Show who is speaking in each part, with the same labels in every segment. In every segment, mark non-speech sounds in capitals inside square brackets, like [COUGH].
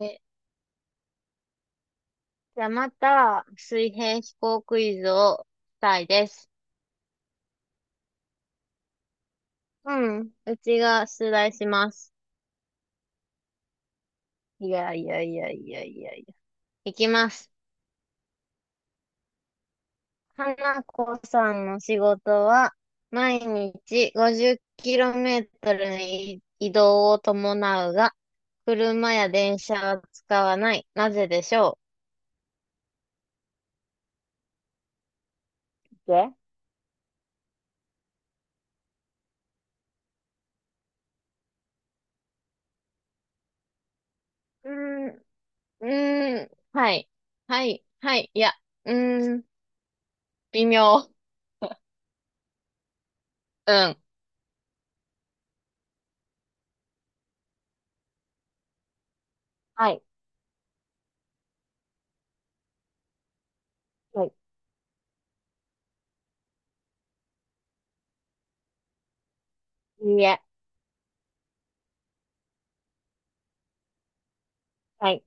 Speaker 1: え、じゃあまた、水平思考クイズをしたいです。うん。うちが出題します。いやいやいやいやいやいや。いきます。花子さんの仕事は、毎日 50km の移動を伴うが、車や電車は使わない。なぜでしょう？うーん、うーん、はい。はい、はい、いや、うーん、微妙。うん。はい。はい、いや、はい。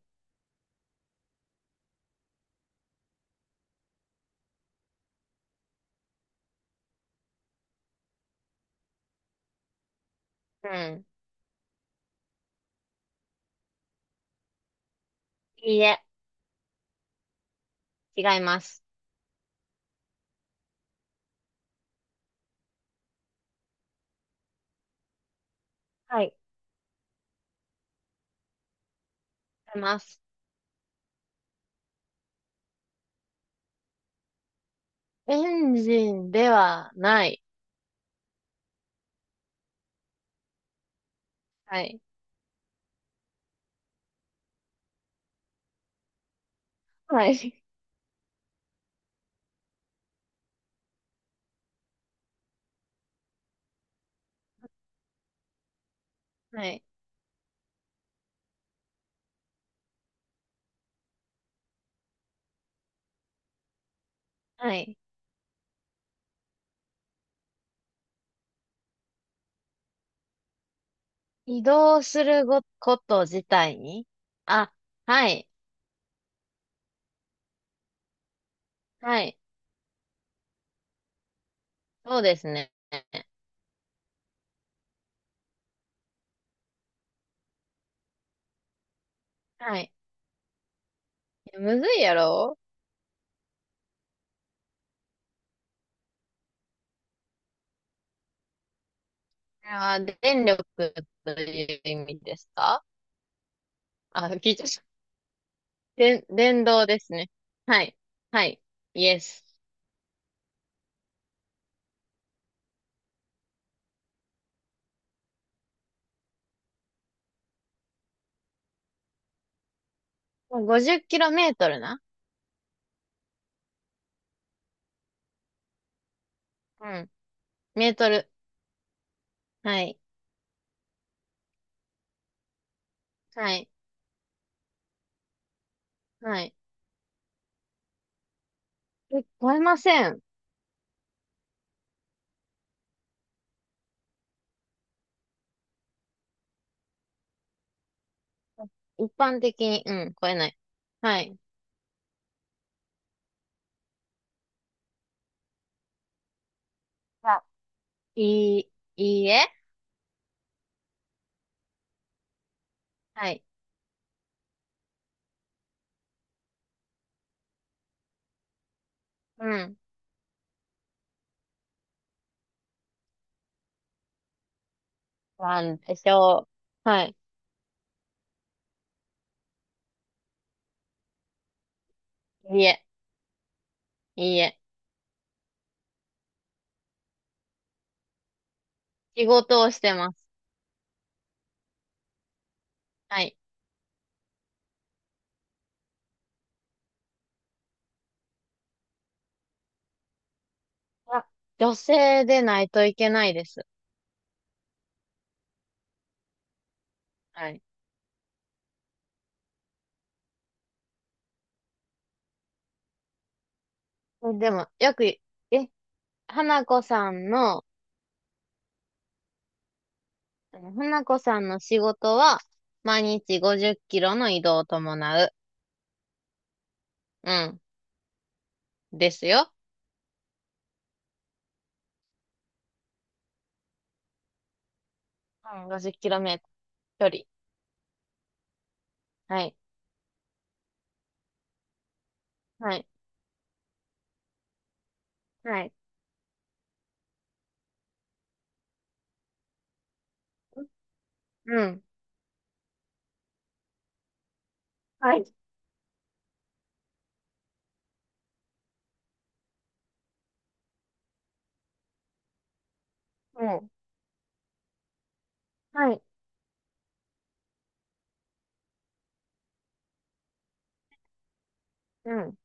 Speaker 1: うん。いいえ、違います。はい。違います。エンジンではない。はい。はい。はい。はい。移動すること自体に、あ、はい。はい。そうですね。はい。いやむずいやろ。これは電力という意味ですか？あ、聞いちゃった。電動ですね。はい。はい。イエス。50キロメートルな。うん。メートル。はい。はい。はい。え、超えません。一般的に、うん、超えない。はい。じゃあ、いい、いいえ。はい。うん。なんでしょう。はい。いいえ、いいえ。仕事をしてます。はい。あ、女性でないといけないです。はい。え、でも、よく、花子さんの、花子さんの仕事は、毎日50キロの移動を伴う。うん。ですよ。うん、50キロメートル距離。はい。はい。はい。はい。うん。はい。うん、はい。うん。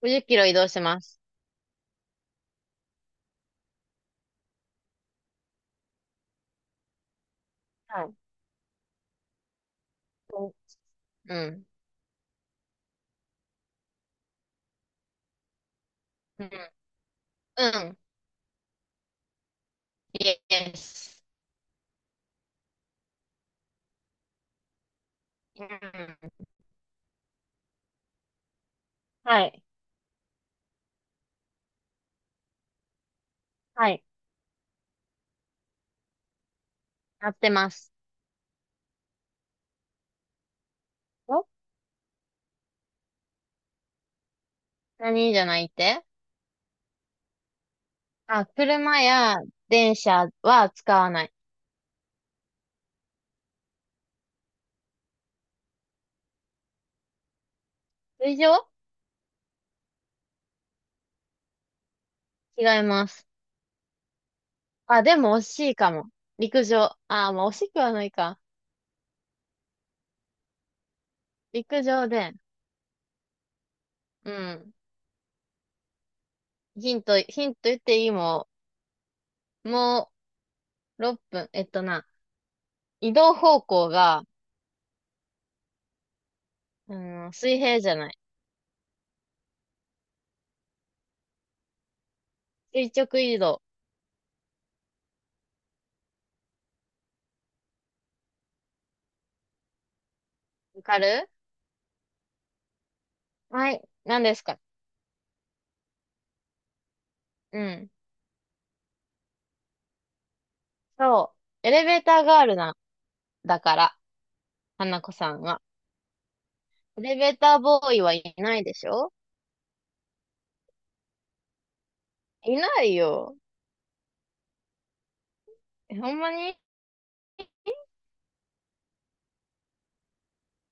Speaker 1: 50キロ移動します。はい。うんうん。うん。うん。イエス。うん。はい。はい。合ってます。お何じゃないって？あ、車や電車は使わない。水上？違います。あ、でも惜しいかも。陸上。あ、まあ惜しくはないか。陸上で、うん。ヒント、ヒント言っていいもん。もう6分。えっとな、移動方向が、うん、水平じゃない。垂直移動。わかる？はい。何ですか？うん。そう。エレベーターガールな、だから、花子さんは。エレベーターボーイはいないでしょ？いないよ。え、ほんまに？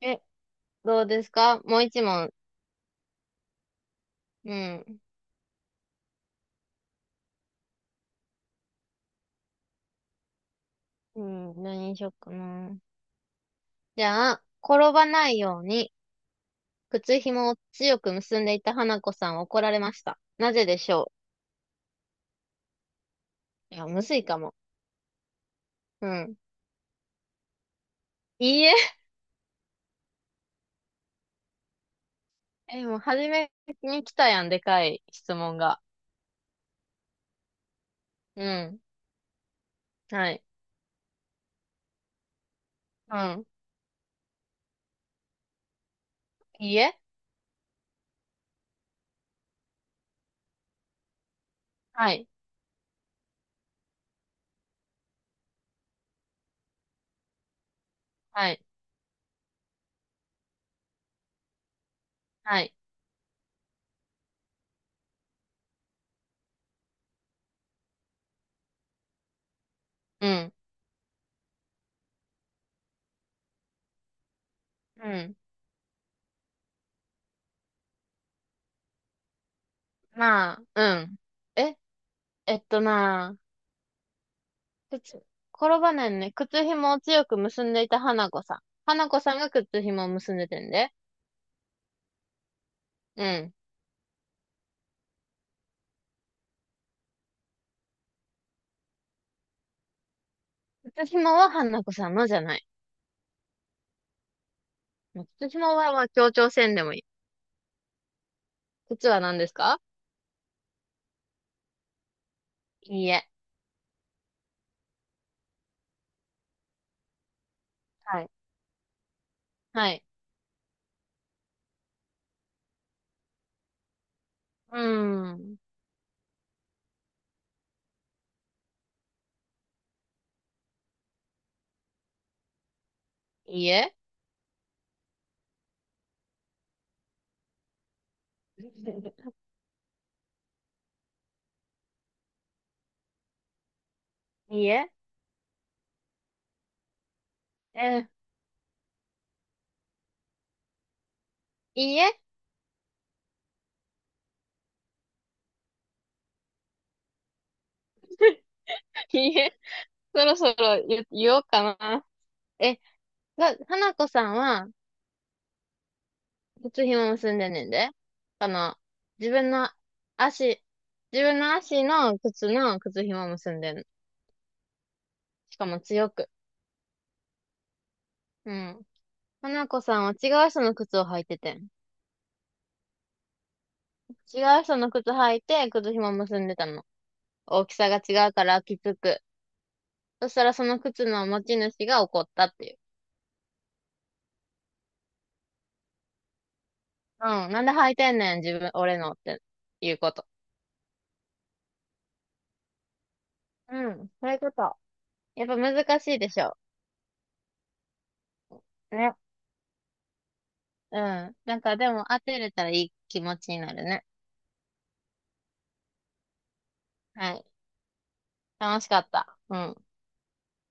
Speaker 1: え、どうですか、もう一問？うん。うん、何にしよっかな。じゃあ、転ばないように、靴紐を強く結んでいた花子さんは怒られました。なぜでしょう？いや、むずいかも。うん。いいえ。え、もう初めに来たやん、でかい質問が。うん。はい。うん。いいえ。はい。はい。はい。うん。うん。まあ、うん。え、えっとな、靴、転ばないね。靴紐を強く結んでいた花子さん。花子さんが靴紐を結んでてんで。うん。靴紐は花子さんのじゃない。靴紐は、まあ、協調せんでもいい。靴は何ですか？いいえ。はい。はい。うーん。いいえ。いいええー、いいえ。 [LAUGHS] いいえ。そろそろ言おうかな。え、花子さんは、靴紐結んでんねんで。あの、自分の足、自分の足の靴の靴紐結んでんの。しかも強く。うん。花子さんは違う人の靴を履いててん。違う人の靴履いて、靴紐結んでたの。大きさが違うからきつく。そしたらその靴の持ち主が怒ったっていう。うん。なんで履いてんねん、自分、俺のっていうこと。うん。そういうこと。やっぱ難しいでしょ？ね。うん。なんかでも当てれたらいい気持ちになるね。はい。楽しかった。うん。